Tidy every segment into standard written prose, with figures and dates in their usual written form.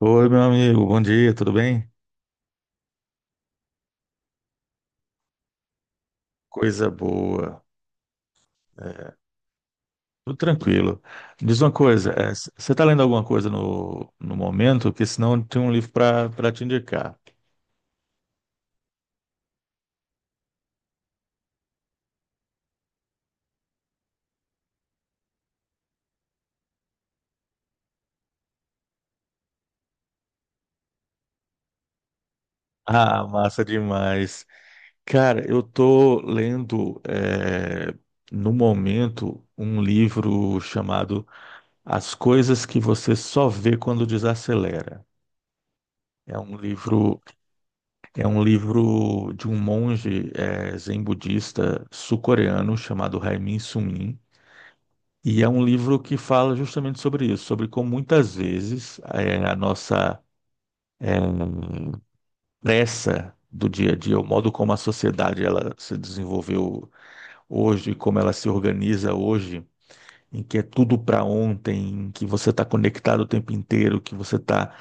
Oi, meu amigo, bom dia, tudo bem? Coisa boa, tudo tranquilo. Diz uma coisa, você está lendo alguma coisa no momento? Porque senão tem um livro para te indicar. Ah, massa demais. Cara, eu tô lendo no momento um livro chamado As Coisas que Você Só Vê Quando Desacelera. É um livro É um livro de um monge zen budista sul-coreano chamado Haimin Sunim. E é um livro que fala justamente sobre isso, sobre como muitas vezes a nossa eh, pressa do dia a dia, o modo como a sociedade ela se desenvolveu hoje, como ela se organiza hoje, em que é tudo para ontem, em que você está conectado o tempo inteiro, que você está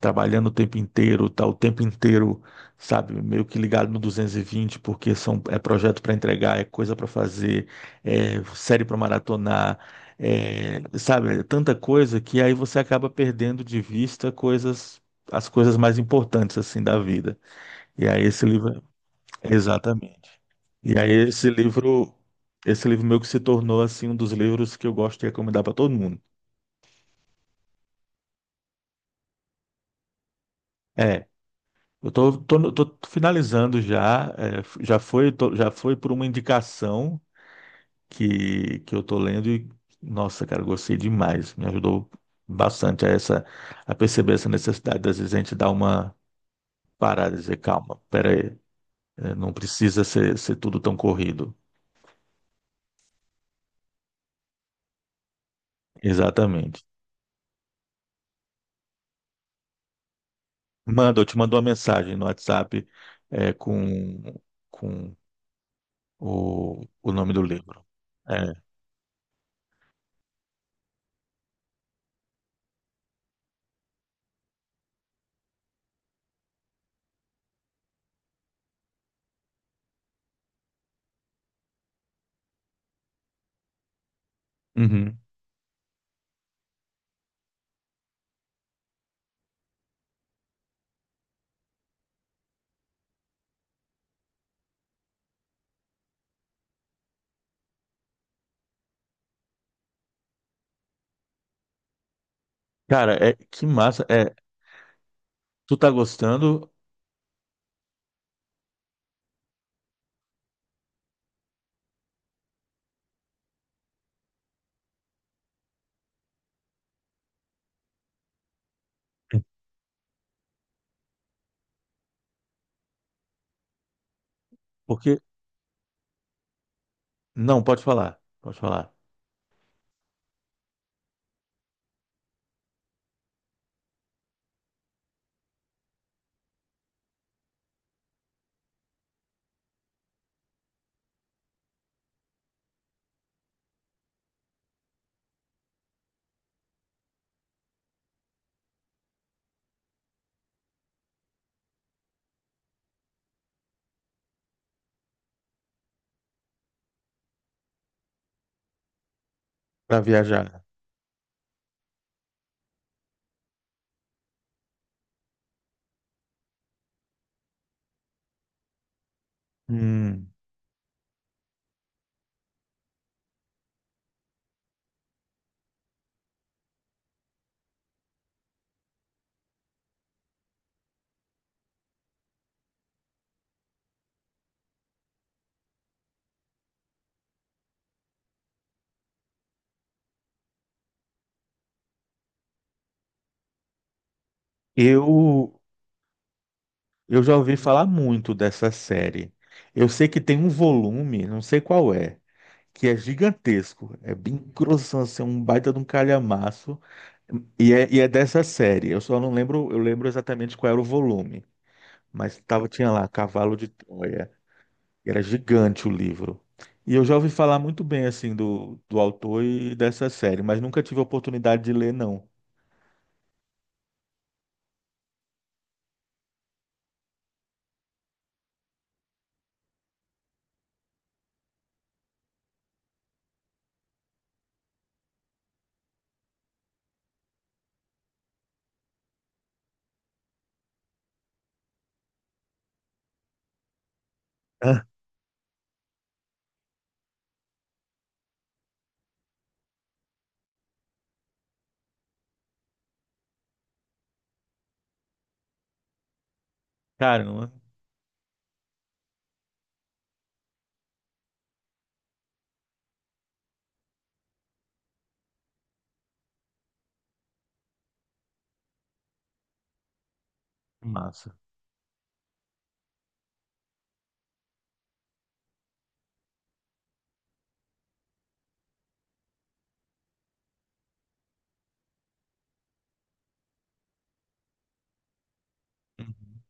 trabalhando o tempo inteiro, está o tempo inteiro, sabe, meio que ligado no 220, porque são, é projeto para entregar, é coisa para fazer, é série para maratonar, é, sabe, é tanta coisa que aí você acaba perdendo de vista coisas. As coisas mais importantes assim da vida. E aí esse livro. Exatamente. E aí esse livro meu que se tornou assim um dos livros que eu gosto de recomendar para todo mundo. É, eu tô, tô, no- tô finalizando já, é, já foi, já foi por uma indicação que eu tô lendo e, nossa, cara, eu gostei demais. Me ajudou bastante a essa, a perceber essa necessidade, às vezes a gente dar uma parada e dizer, calma, peraí, é, não precisa ser, ser tudo tão corrido. Exatamente. Manda, eu te mando uma mensagem no WhatsApp é, com o nome do livro. É. Uhum. Cara, é, que massa. É, tu tá gostando? Porque. Não, pode falar. Pode falar. Pra viajar. Hum. Eu, eu já ouvi falar muito dessa série. Eu sei que tem um volume, não sei qual é, que é gigantesco. É bem grossão, assim, um baita de um calhamaço. E é dessa série. Eu só não lembro, eu lembro exatamente qual era o volume, mas tava, tinha lá Cavalo de Troia. Era gigante o livro. E eu já ouvi falar muito bem assim do autor e dessa série, mas nunca tive a oportunidade de ler, não. Caramba, massa. Uhum.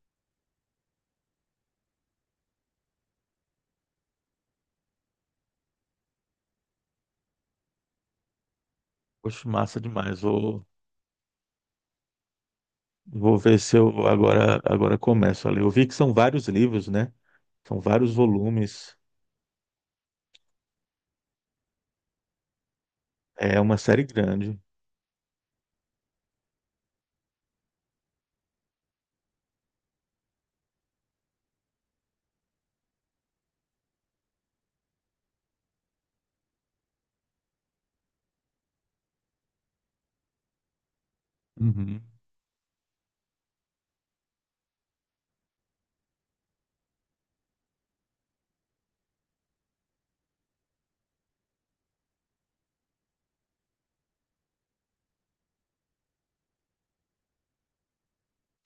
Poxa, massa demais. Vou, vou ver se eu agora, agora começo a ler. Eu vi que são vários livros, né? São vários volumes. É uma série grande. Uhum.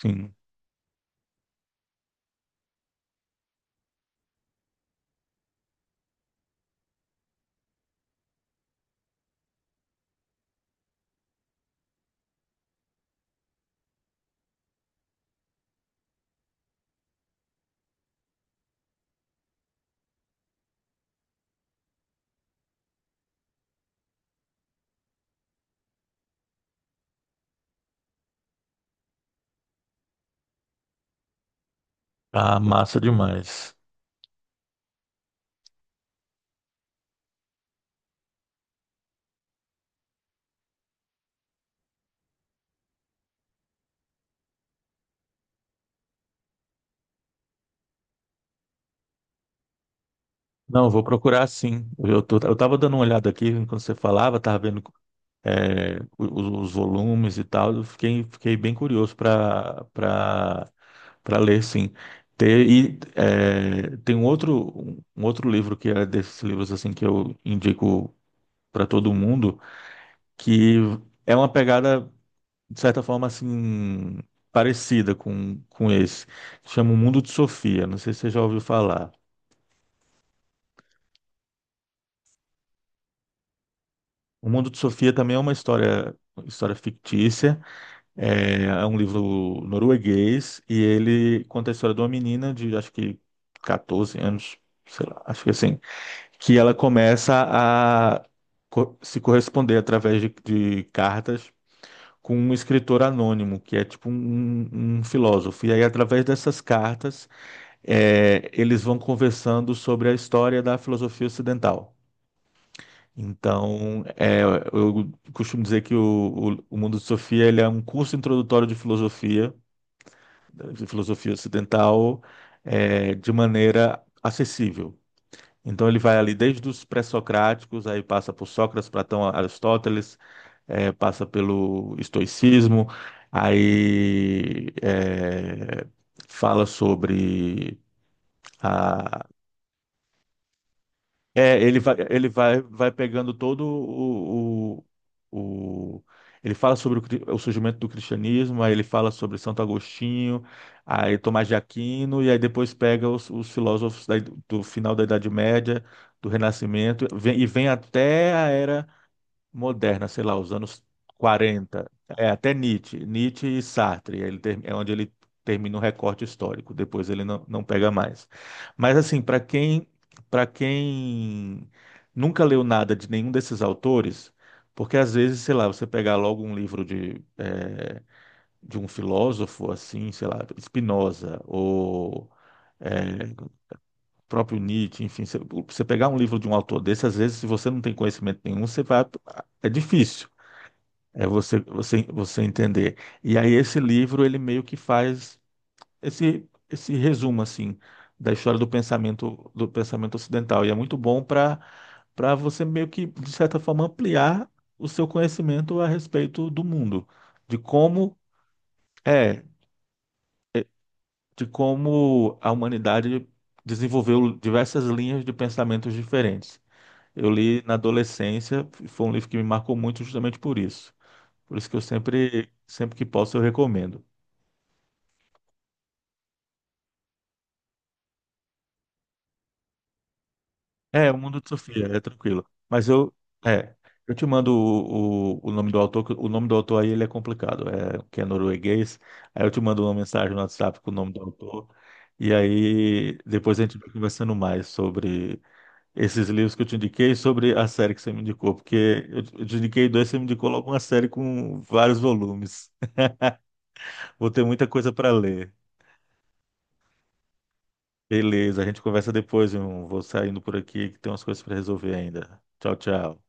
Sim. Ah, massa demais. Não, vou procurar sim. Eu tô, eu tava dando uma olhada aqui quando você falava, tava vendo é, os volumes e tal. Eu fiquei, fiquei bem curioso para para ler, sim. Tem, e é, tem um outro livro que é desses livros assim que eu indico para todo mundo, que é uma pegada de certa forma assim parecida com esse. Chama O Mundo de Sofia. Não sei se você já ouviu falar. O Mundo de Sofia também é uma história, história fictícia. É, é um livro norueguês e ele conta a história de uma menina de acho que 14 anos, sei lá, acho que assim, que ela começa a se corresponder através de cartas com um escritor anônimo, que é tipo um um filósofo. E aí, através dessas cartas, é, eles vão conversando sobre a história da filosofia ocidental. Então, é, eu costumo dizer que o Mundo de Sofia ele é um curso introdutório de filosofia ocidental, é, de maneira acessível. Então, ele vai ali desde os pré-socráticos, aí passa por Sócrates, Platão, Aristóteles, é, passa pelo estoicismo, aí é, fala sobre. É, ele vai, vai pegando todo o, o- ele fala sobre o, o surgimento do cristianismo, aí ele fala sobre Santo Agostinho, aí Tomás de Aquino, e aí depois pega os filósofos da do final da Idade Média, do Renascimento, e vem até a era moderna, sei lá, os anos 40, é até Nietzsche, Nietzsche e Sartre, é onde ele termina o recorte histórico, depois ele não, não pega mais. Mas assim, para quem nunca leu nada de nenhum desses autores, porque às vezes, sei lá, você pegar logo um livro de de um filósofo assim, sei lá, Spinoza ou eh, próprio Nietzsche, enfim, você você pegar um livro de um autor desse, às vezes, se você não tem conhecimento nenhum, você vai, é difícil. É você entender. E aí esse livro, ele meio que faz esse resumo, assim, da história do pensamento ocidental. E é muito bom para você meio que, de certa forma, ampliar o seu conhecimento a respeito do mundo, de como é, de como a humanidade desenvolveu diversas linhas de pensamentos diferentes. Eu li na adolescência, foi um livro que me marcou muito justamente por isso. Por isso que eu sempre que posso, eu recomendo. É, o Mundo de Sofia, é tranquilo. Mas eu, é, eu te mando o nome do autor, que o nome do autor aí ele é complicado, é, que é norueguês. Aí eu te mando uma mensagem no WhatsApp com o nome do autor. E aí depois a gente vai conversando mais sobre esses livros que eu te indiquei, e sobre a série que você me indicou, porque eu te indiquei dois, você me indicou logo uma série com vários volumes. Vou ter muita coisa para ler. Beleza, a gente conversa depois, irmão. Vou saindo por aqui que tem umas coisas para resolver ainda. Tchau, tchau.